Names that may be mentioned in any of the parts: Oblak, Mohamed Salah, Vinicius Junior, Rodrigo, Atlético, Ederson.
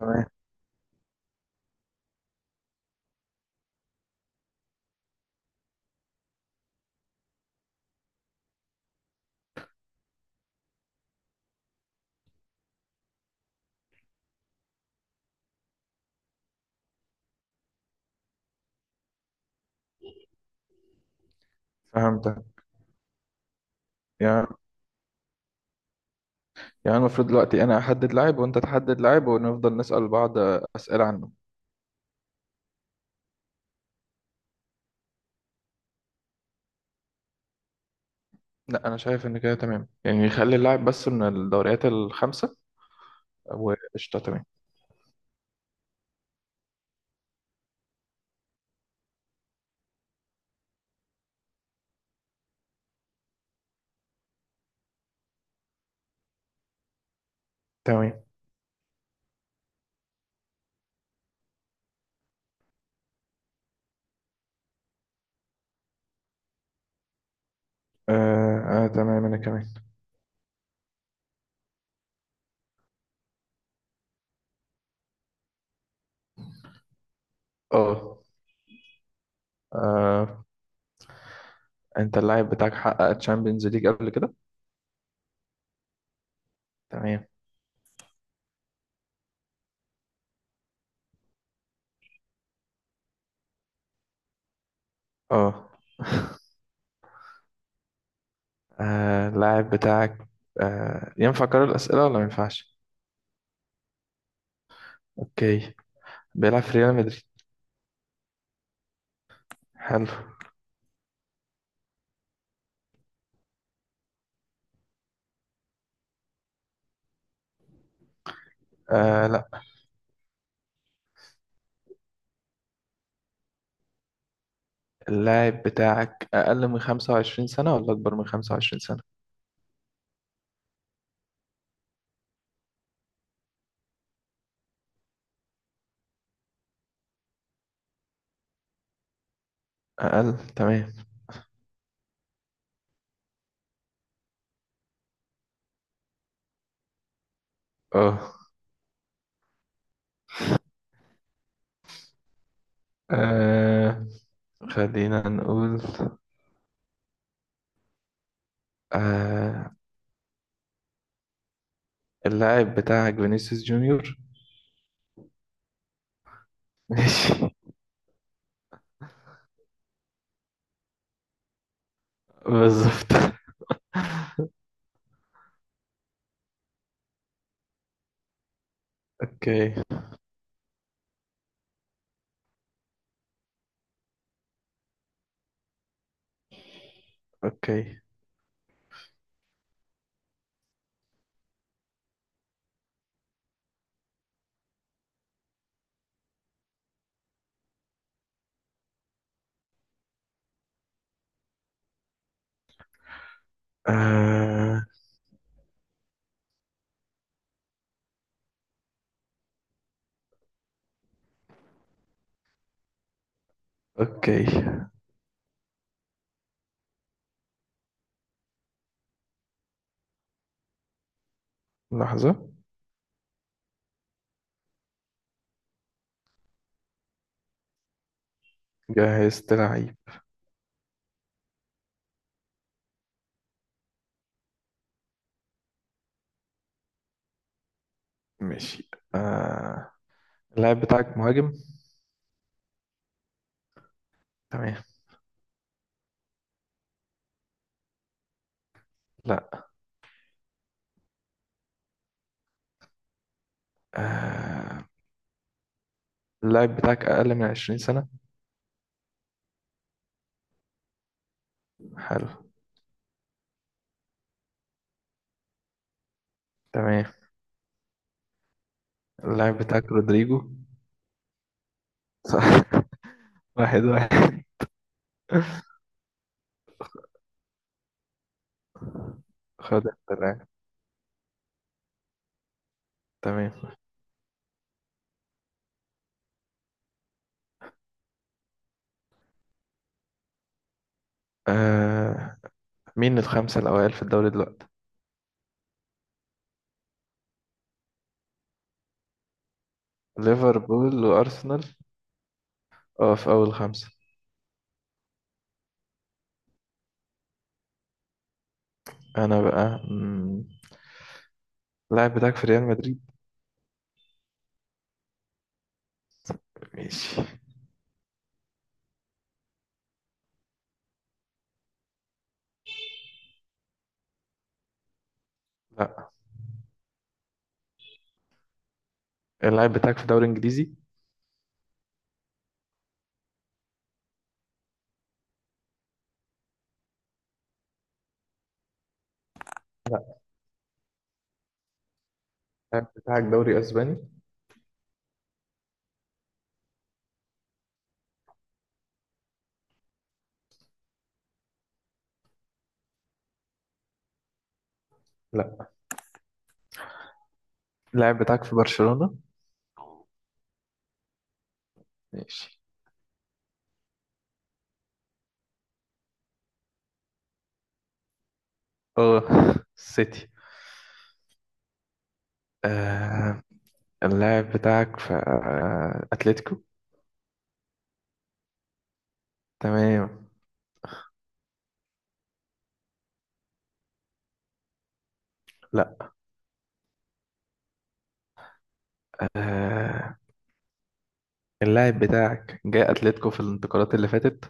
تمام. فهمتك. يعني يعني المفروض دلوقتي انا احدد لاعب وانت تحدد لاعب ونفضل نسأل بعض اسئلة عنه. لا، انا شايف ان كده تمام، يعني يخلي اللاعب بس من الدوريات الخمسة وقشطة. تمام، تمام. آه، آه، تمام انا كمان. اه، آه، انت اللاعب بتاعك حقق تشامبيونز ليج قبل كده؟ تمام. اه، آه، اللاعب بتاعك. ينفع اكرر الأسئلة ولا ما ينفعش؟ اوكي. بيلعب في ريال مدريد؟ حلو. آه، اللاعب بتاعك أقل من 25 سنة ولا أكبر من 25 سنة؟ أقل، تمام. أه، آه، خلينا نقول، آه اللاعب بتاعك فينيسيوس جونيور؟ ماشي. بالظبط. أوكي، أوكي. آه، أوكي. لحظة. جهزت لعيب. ماشي. آه، اللاعب بتاعك مهاجم؟ تمام. لا. آه، اللاعب بتاعك أقل من 20 سنة؟ حلو، تمام. اللاعب بتاعك رودريجو؟ صح. 1-1. خد الفرق. تمام. آه، مين الخمسة الأوائل في الدوري دلوقتي؟ ليفربول وأرسنال؟ اه، في أول خمسة. أنا بقى، اللاعب بتاعك في ريال مدريد؟ ماشي. لا. اللاعب بتاعك في دوري إنجليزي؟ اللاعب بتاعك دوري أسباني؟ لا. اللاعب بتاعك في برشلونة؟ ماشي. اه، سيتي. آه، اللاعب بتاعك في أتلتيكو؟ تمام. لا. آه، اللاعب بتاعك جاي اتلتيكو في الانتقالات اللي فاتت؟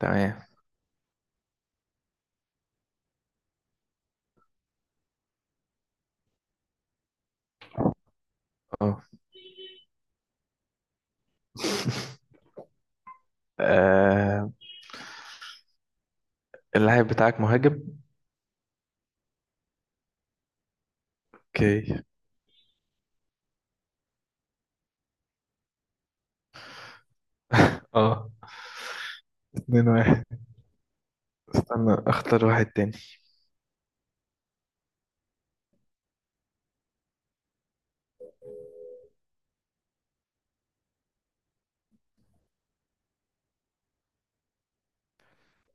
تمام. اه. آه، اللاعب بتاعك مهاجم؟ اوكي. اه، 2-1. استنى، اختار واحد تاني.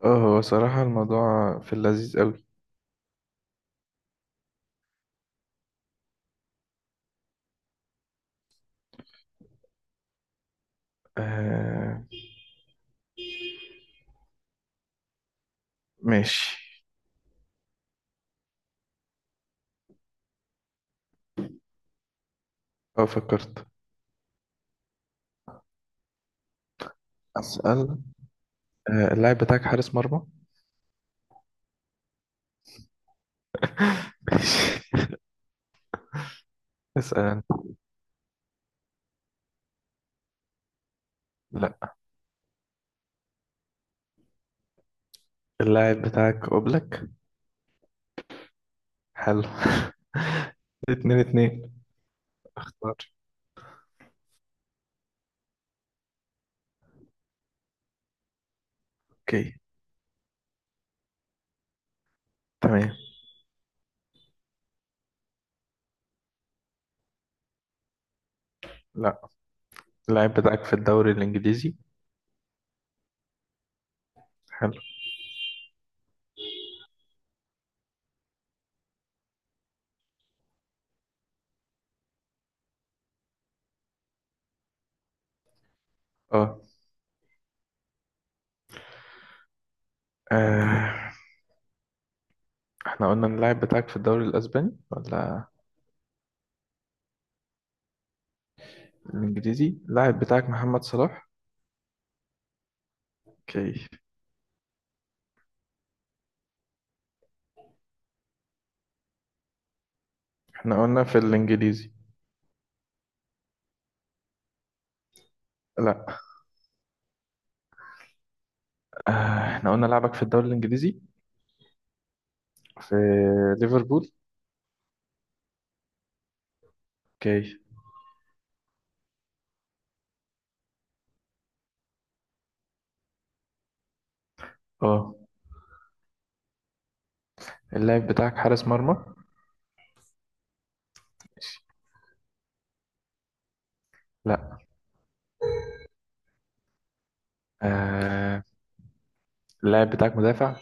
اه، هو صراحة الموضوع في اللذيذ قوي. آه، ماشي. اه، فكرت. اسأل. آه، اللاعب بتاعك حارس مرمى؟ ماشي. اسأل انت. لا. اللاعب بتاعك اوبلك؟ حلو. 2-2. اختار. اوكي، تمام. لا. اللاعب بتاعك في الدوري الانجليزي؟ حلو. اه، آه، احنا قلنا إن اللاعب بتاعك في الدوري الاسباني ولا الانجليزي؟ اللاعب بتاعك محمد صلاح؟ اوكي. احنا قلنا في الانجليزي. لا. آه، احنا قلنا لاعبك في الدوري الانجليزي. في ليفربول؟ اوكي. اه، اللاعب بتاعك حارس مرمى؟ لا. آه، اللاعب بتاعك مدافع؟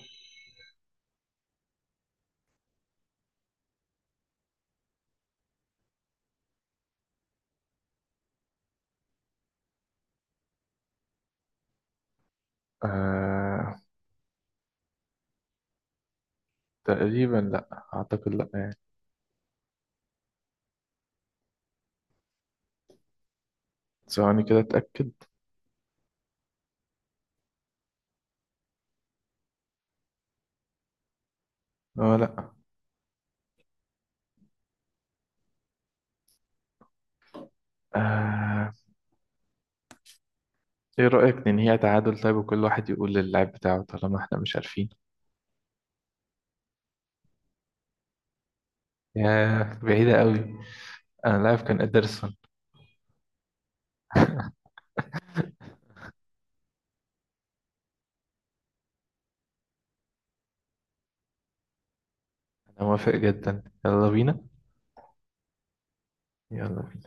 آه، تقريبا لا اعتقد، لا يعني. ثواني كده اتاكد. اه، لا. آه، ايه رايك ننهيها تعادل طيب وكل واحد يقول للاعب بتاعه طالما احنا مش عارفين؟ ياه، بعيدة قوي. أنا اللاعب كان إدرسون. أنا موافق جدا، يلا بينا. يلا بينا.